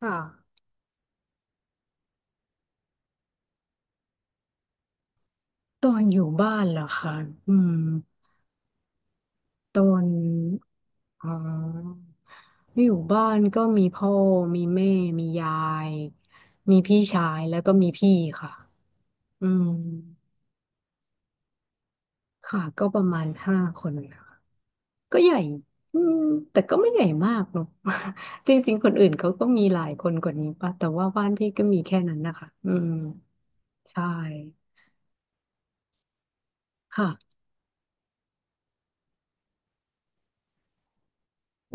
ค่ะตอนอยู่บ้านเหรอคะอืมตอนอ๋ออยู่บ้านก็มีพ่อมีแม่มียายมีพี่ชายแล้วก็มีพี่ค่ะอืมค่ะก็ประมาณห้าคนนะะก็ใหญ่อืมแต่ก็ไม่ใหญ่มากเนอะ จริงๆคนอื่นเขาก็มีหลายคนกว่านี้ป่ะแต่ว่าบ้านพี่ก็มีแค่นั้นนะคะอืมใช่ค่ะ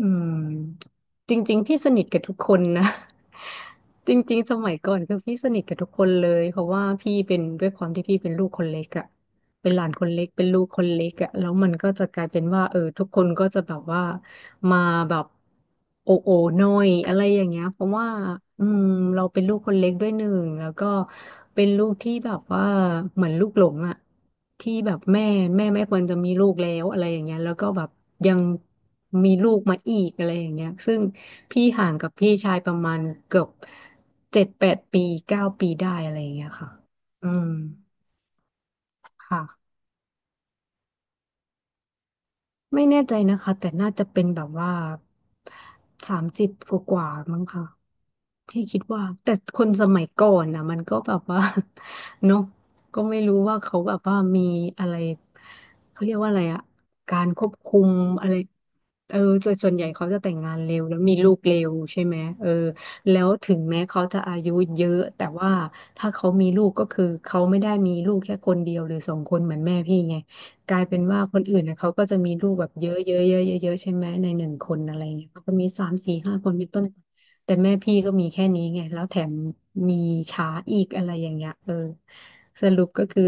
อืมจริงๆพี่สนิทกับทุกคนนะ จริงๆสมัยก่อนคือพี่สนิทกับทุกคนเลยเพราะว่าพี่เป็นด้วยความที่พี่เป็นลูกคนเล็กอะเป็นหลานคนเล็กเป็นลูกคนเล็กอะแล้วมันก็จะกลายเป็นว่าเออทุกคนก็จะแบบว่า มาแบบโอโอหน่อยอะไรอย่างเงี้ยเพราะว่าอืมเราเป็นลูกคนเล็กด้วยหนึ่งแล้วก็เป็นลูกที่แบบว่าเหมือนลูกหลงอะที่แบบแม่ไม่ควรจะมีลูกแล้วอะไรอย่างเงี้ยแล้วก็แบบยังมีลูกมาอีกอะไรอย่างเงี้ยซึ่งพี่ห่างกับพี่ชายประมาณเกือบ7-8 ปี9 ปีได้อะไรอย่างเงี้ยค่ะอืมค่ะไม่แน่ใจนะคะแต่น่าจะเป็นแบบว่า30 กว่าๆมั้งค่ะ พี่คิดว่าแต่คนสมัยก่อนนะมันก็แบบว่า เนาะก็ไม่รู้ว่าเขาแบบว่ามีอะไรเขาเรียกว่าอะไรอะการควบคุมอะไรเออส่วนใหญ่เขาจะแต่งงานเร็วแล้วมีลูกเร็วใช่ไหมเออแล้วถึงแม้เขาจะอายุเยอะแต่ว่าถ้าเขามีลูกก็คือเขาไม่ได้มีลูกแค่คนเดียวหรือ2 คนเหมือนแม่พี่ไงกลายเป็นว่าคนอื่นนะเขาก็จะมีลูกแบบเยอะเยอะเยอะเยอะเยอะใช่ไหมในหนึ่งคนอะไรเงี้ยเขาก็มี3-4-5 คนเป็นต้น แต่แม่พี่ก็มีแค่นี้ไง แล้วแถมมีช้าอีกอะไรอย่างเงี้ยเออสรุปก็คือ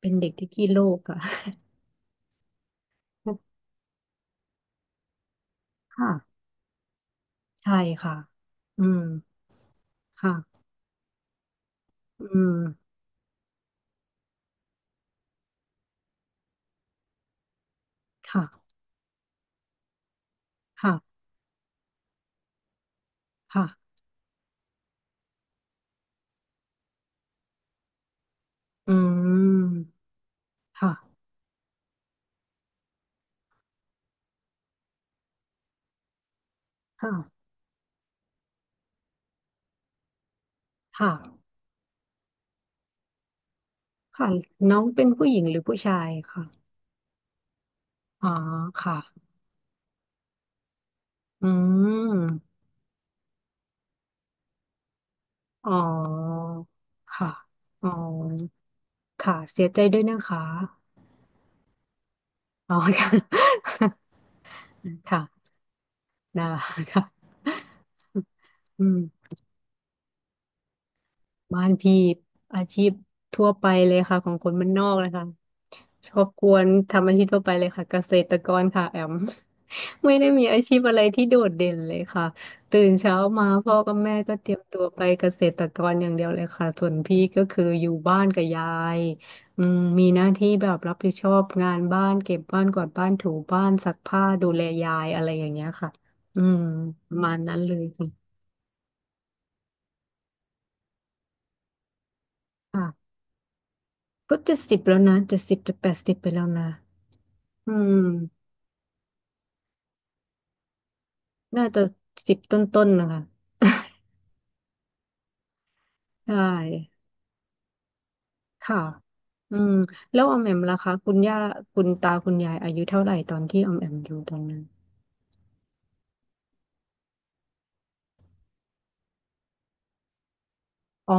เป็นเด็กที่ขี้โลกอะ ค่ะใช่ค่ะอืมค่ะอืมค่ะค่ะค่ะอืมค่ะค่ะค่ะค่ะน้องเป็นผู้หญิงหรือผู้ชายค่ะอ๋อค่ะอืมอ๋อค่ะอ๋อค่ะเสียใจด้วยนะคะอ๋อค่ะค่ะ ได้ค่ะ อืมบ้านพี่อาชีพทั่วไปเลยค่ะของคนบ้านนอกนะคะครอบครัวทำอาชีพทั่วไปเลยค่ะเกษตรกรค่ะแอม ไม่ได้มีอาชีพอะไรที่โดดเด่นเลยค่ะตื่นเช้ามาพ่อกับแม่ก็เตรียมตัวไปเกษตรกรอย่างเดียวเลยค่ะส่วนพี่ก็คืออยู่บ้านกับยายอืมมีหน้าที่แบบรับผิดชอบงานบ้านเก็บบ้านกวาดบ้านถูบ้านซักผ้าดูแลยายอะไรอย่างเงี้ยค่ะอืมประมาณนั้นเลยค่ะ ก็70แล้วนะเจ็ดสิบจะ80ไปแล้วนะอืมน่าจะ10 ต้นๆนะคะ ใช่ค่ะอืมแล้วออมแอมล่ะคะคุณย่าคุณตาคุณยายอายุเท่าไหร่ตอนที่ออมแอมอยู่ตอนนั้นอ๋อ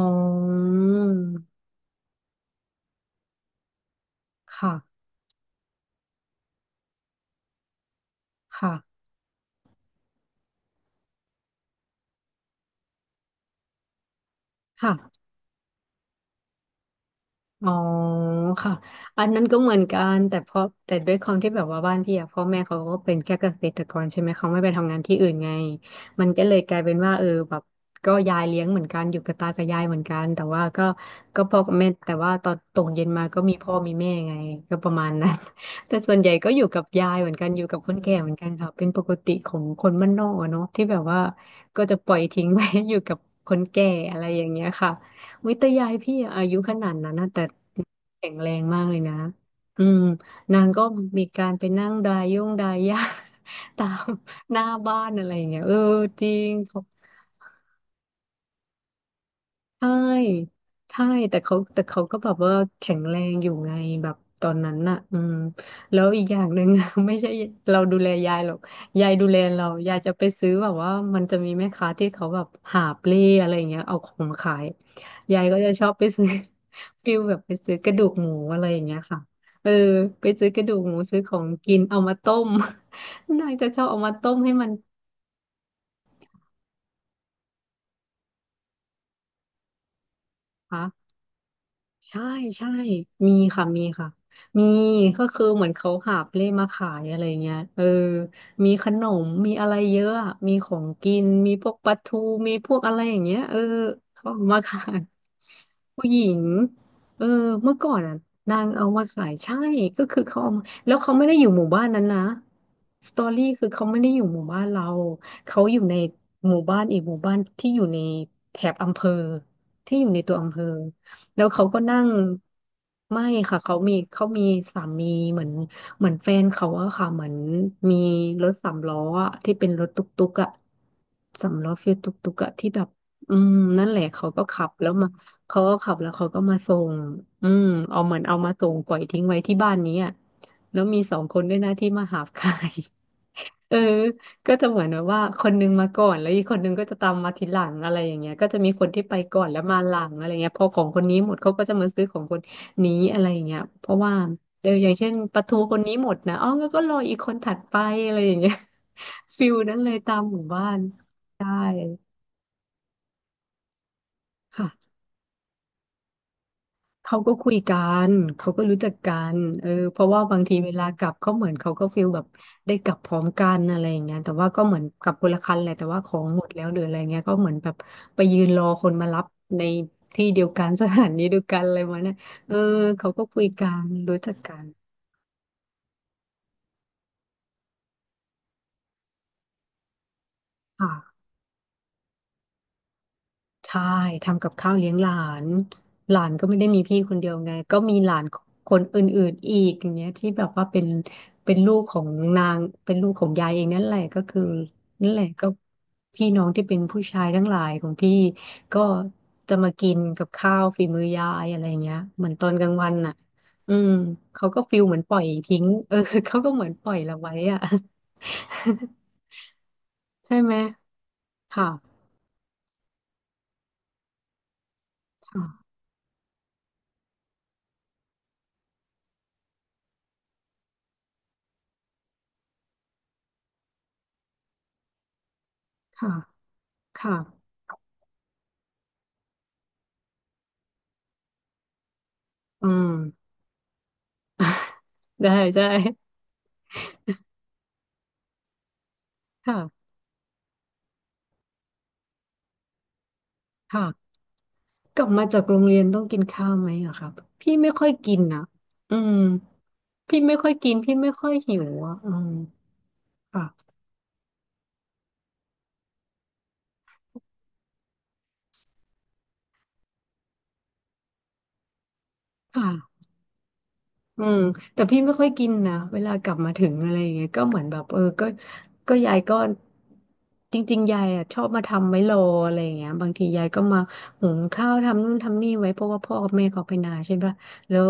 ค่ะค่ะค่ะ อ๋อค่ะอันนั้นก็เหมือนกันแต่เพราะแต่ด้วยความที่แบบว่าบ้านพี่อะพ่อแม่เขาก็เป็นแค่เกษตรกรใช่ไหมเขาไม่ไปทำงานที่อื่นไงมันก็เลยกลายเป็นว่าเออแบบก็ยายเลี้ยงเหมือนกันอยู่กับตากับยายเหมือนกันแต่ว่าก็ก็พ่อกับแม่แต่ว่าตอนตกเย็นมาก็มีพ่อมีแม่ไงก็ประมาณนั้น แต่ส่วนใหญ่ก็อยู่กับยายเหมือนกันอยู่กับคนแก่เหมือนกันค่ะเป็นปกติของคนบ้านนอกอะเนาะที่แบบว่าก็จะปล่อยทิ้งไว้ อยู่กับคนแก่อะไรอย่างเงี้ยค่ะ วิตยายพี่อะอายุขนาดนั้นนะแต่แข็งแรงมากเลยนะอืมนางก็มีการไปนั่งดายย่งดายห้า ตามหน้าบ้านอะไรอย่างเงี้ยเออจริง ใช่ใช่แต่เขาก็แบบว่าแข็งแรงอยู่ไงแบบตอนนั้นน่ะอืมแล้วอีกอย่างหนึ่ง ไม่ใช่เราดูแลยายหรอกยายดูแลเรายายจะไปซื้อแบบว่ามันจะมีแม่ค้าที่เขาแบบหาบเล่อะไรอย่างเงี้ยเอาของมาขายยายก็จะชอบไปซื้อ ฟิลแบบไปซื้อกระดูกหมูอะไรอย่างเงี้ยค่ะเออไปซื้อกระดูกหมูซื้อของกินเอามาต้ม นางจะชอบเอามาต้มให้มัน ใช่ใช่มีค่ะมีค่ะ มีก็คือเหมือนเขาหาบเล่มาขายอะไรเงี้ยมีขนมมีอะไรเยอะอะมีของกินมีพวกปลาทูมีพวกอะไรอย่างเงี้ยเขาเอามาขายผู้หญิงเออเมื่อก่อนอ่ะนางเอามาขายใช่ก็คือเขาเอามาแล้วเขาไม่ได้อยู่หมู่บ้านนั้นนะสตอรี่คือเขาไม่ได้อยู่หมู่บ้านเราเขาอยู่ในหมู่บ้านอีกหมู่บ้านที่อยู่ในแถบอำเภอที่อยู่ในตัวอำเภอ แล้วเขาก็นั่งไม่ค่ะ เขามีสามีเหมือนเหมือนแฟนเขาอะค่ะเหมือนมีรถสามล้ออะที่เป็นรถตุ๊กตุ๊กอะสามล้อฟิลตุ๊กตุ๊กอะที่แบบอืมนั่นแหละเขาก็ขับแล้วมาเขาก็ขับแล้วเขาก็มาส่งอืมเอาเหมือนเอามาส่งปล่อยทิ้งไว้ที่บ้านนี้อะแล้วมีสองคนด้วยนะที่มาหาบ คายเออ ก็จะเหมือนแบบว่าคนนึงมาก่อนแล้วอีกคนนึงก็จะตามมาทีหลังอะไรอย่างเงี้ยก็จะมีคนที่ไปก่อนแล้วมาหลังอะไรเงี้ยพอของคนนี้หมดเขาก็จะมาซื้อของคนนี้อะไรอย่างเงี้ยเพราะว่าอย่างเช่นปลาทูคนนี้หมดนะอ๋องั้นก็รออีกคนถัดไปอะไรอย่างเงี้ย ฟิลนั้นเลยตามหมู่บ้านใช่ค่ะ เขาก็คุยกันเขาก็รู้จักกันเพราะว่าบางทีเวลากลับเขาเหมือนเขาก็ฟีลแบบได้กลับพร้อมกันอะไรอย่างเงี้ยแต่ว่าก็เหมือนกลับคนละคันแหละแต่ว่าของหมดแล้วหรืออะไรเงี้ยก็เหมือนแบบไปยืนรอคนมารับในที่เดียวกัน สถานีเดียวกันอะไรประมาณเนี้ยเออเขาก็คุยกันรู้จักกันค่ะ ใช่ทำกับข้าวเลี้ยงหลานหลานก็ไม่ได้มีพี่คนเดียวไงก็มีหลานคนอื่นๆอีกอย่างเงี้ยที่แบบว่าเป็นเป็นลูกของนางเป็นลูกของยายเองนั่นแหละก็คือนั่นแหละก็พี่น้องที่เป็นผู้ชายทั้งหลายของพี่ก็จะมากินกับข้าวฝีมือยายอะไรเงี้ยเหมือนตอนกลางวันน่ะอืมเขาก็ฟิลเหมือนปล่อยทิ้งเขาก็เหมือนปล่อยเราไว้อ่ะ ใช่ไหมค่ะค่ะค่ะค่ะอืม ได้ใช่ค่ะค่ะกลับมาจากโรงเรียนต้องกินข้าวไหมอะครับพี่ไม่ค่อยกินนะอืมพี่ไม่ค่อยกินพี่ไม่ค่อยหิวอะอืมค่ะค่ะ อืมแต่พี่ไม่ค่อยกินนะเวลากลับมาถึงอะไรอย่างเงี้ยก็เหมือนแบบก็ยายก็จริงๆยายอ่ะชอบมาทำไว้รออะไรอย่างเงี้ยบางทียายก็มาหุงข้าวทำนู่นทำนี่ไว้เพราะว่าพ่อกับแม่เขาไปนาใช่ปะแล้ว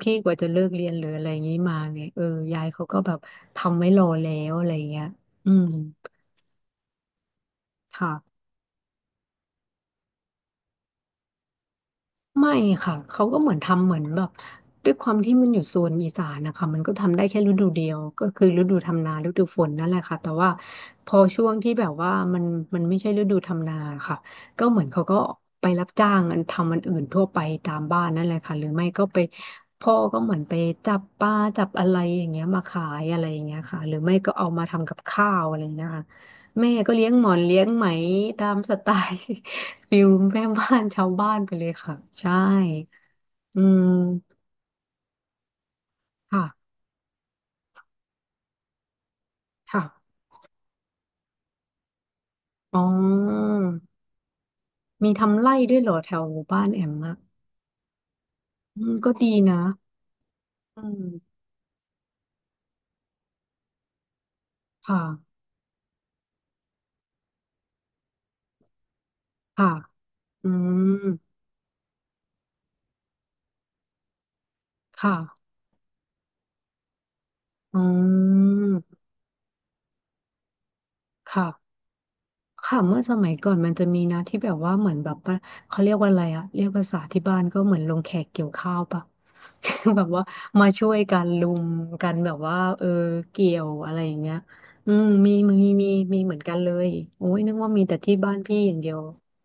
พี่กว่าจะเลิกเรียนหรืออะไรอย่างงี้มาไงยายเขาก็แบบทำไว้รอแล้วอะไรอย่างเงี้ยอืมค่ะ ไม่ค่ะเขาก็เหมือนทำเหมือนแบบด้วยความที่มันอยู่โซนอีสานนะคะมันก็ทำได้แค่ฤดูเดียวก็คือฤดูทำนาฤดูฝนนั่นแหละค่ะแต่ว่าพอช่วงที่แบบว่ามันไม่ใช่ฤดูทำนาค่ะก็เหมือนเขาก็ไปรับจ้างอันทำอันอื่นทั่วไปตามบ้านนั่นแหละค่ะหรือไม่ก็ไปพ่อก็เหมือนไปจับปลาจับอะไรอย่างเงี้ยมาขายอะไรอย่างเงี้ยค่ะหรือไม่ก็เอามาทำกับข้าวอะไรอย่างเงี้ยค่ะแม่ก็เลี้ยงหมอนเลี้ยงไหมตามสไตล์ ฟิลแม่บ้านชาวบ้านไปเลยค่ะใช่อืมค่ะค่ะอ๋อมีทำไร่ด้วยเหรอแถวหมู่บ้านแอมอะอืมก็ดีนะอืมค่ะค่ะอืมค่ะอืมค่ะ ค่ะเมื่อสมัยก่อนมันจะมีนะที่แบบว่าเหมือนแบบว่าเขาเรียกว่าอะไรอะเรียกภาษาที่บ้านก็เหมือนลงแขกเกี่ยวข้าวปะ แบบว่ามาช่วยกันลุมกันแบบว่าเกี่ยวอะไรอย่างเงี้ยอืมมีมีเหมือนกันเลยโอ้ยนึกว่ามีแต่ที่บ้านพี่อย่างเดียว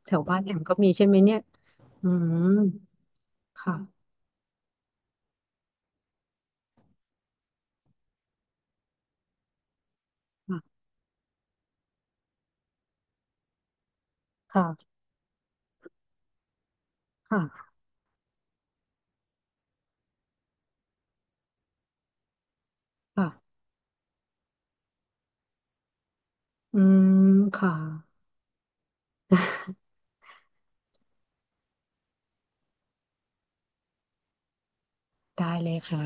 แถวบ้านแอมก็มีใช่ไหมเนี่ยอืมค่ะค่ะค่ะค่ะค่ะอืมค่ะได้เลยค่ะ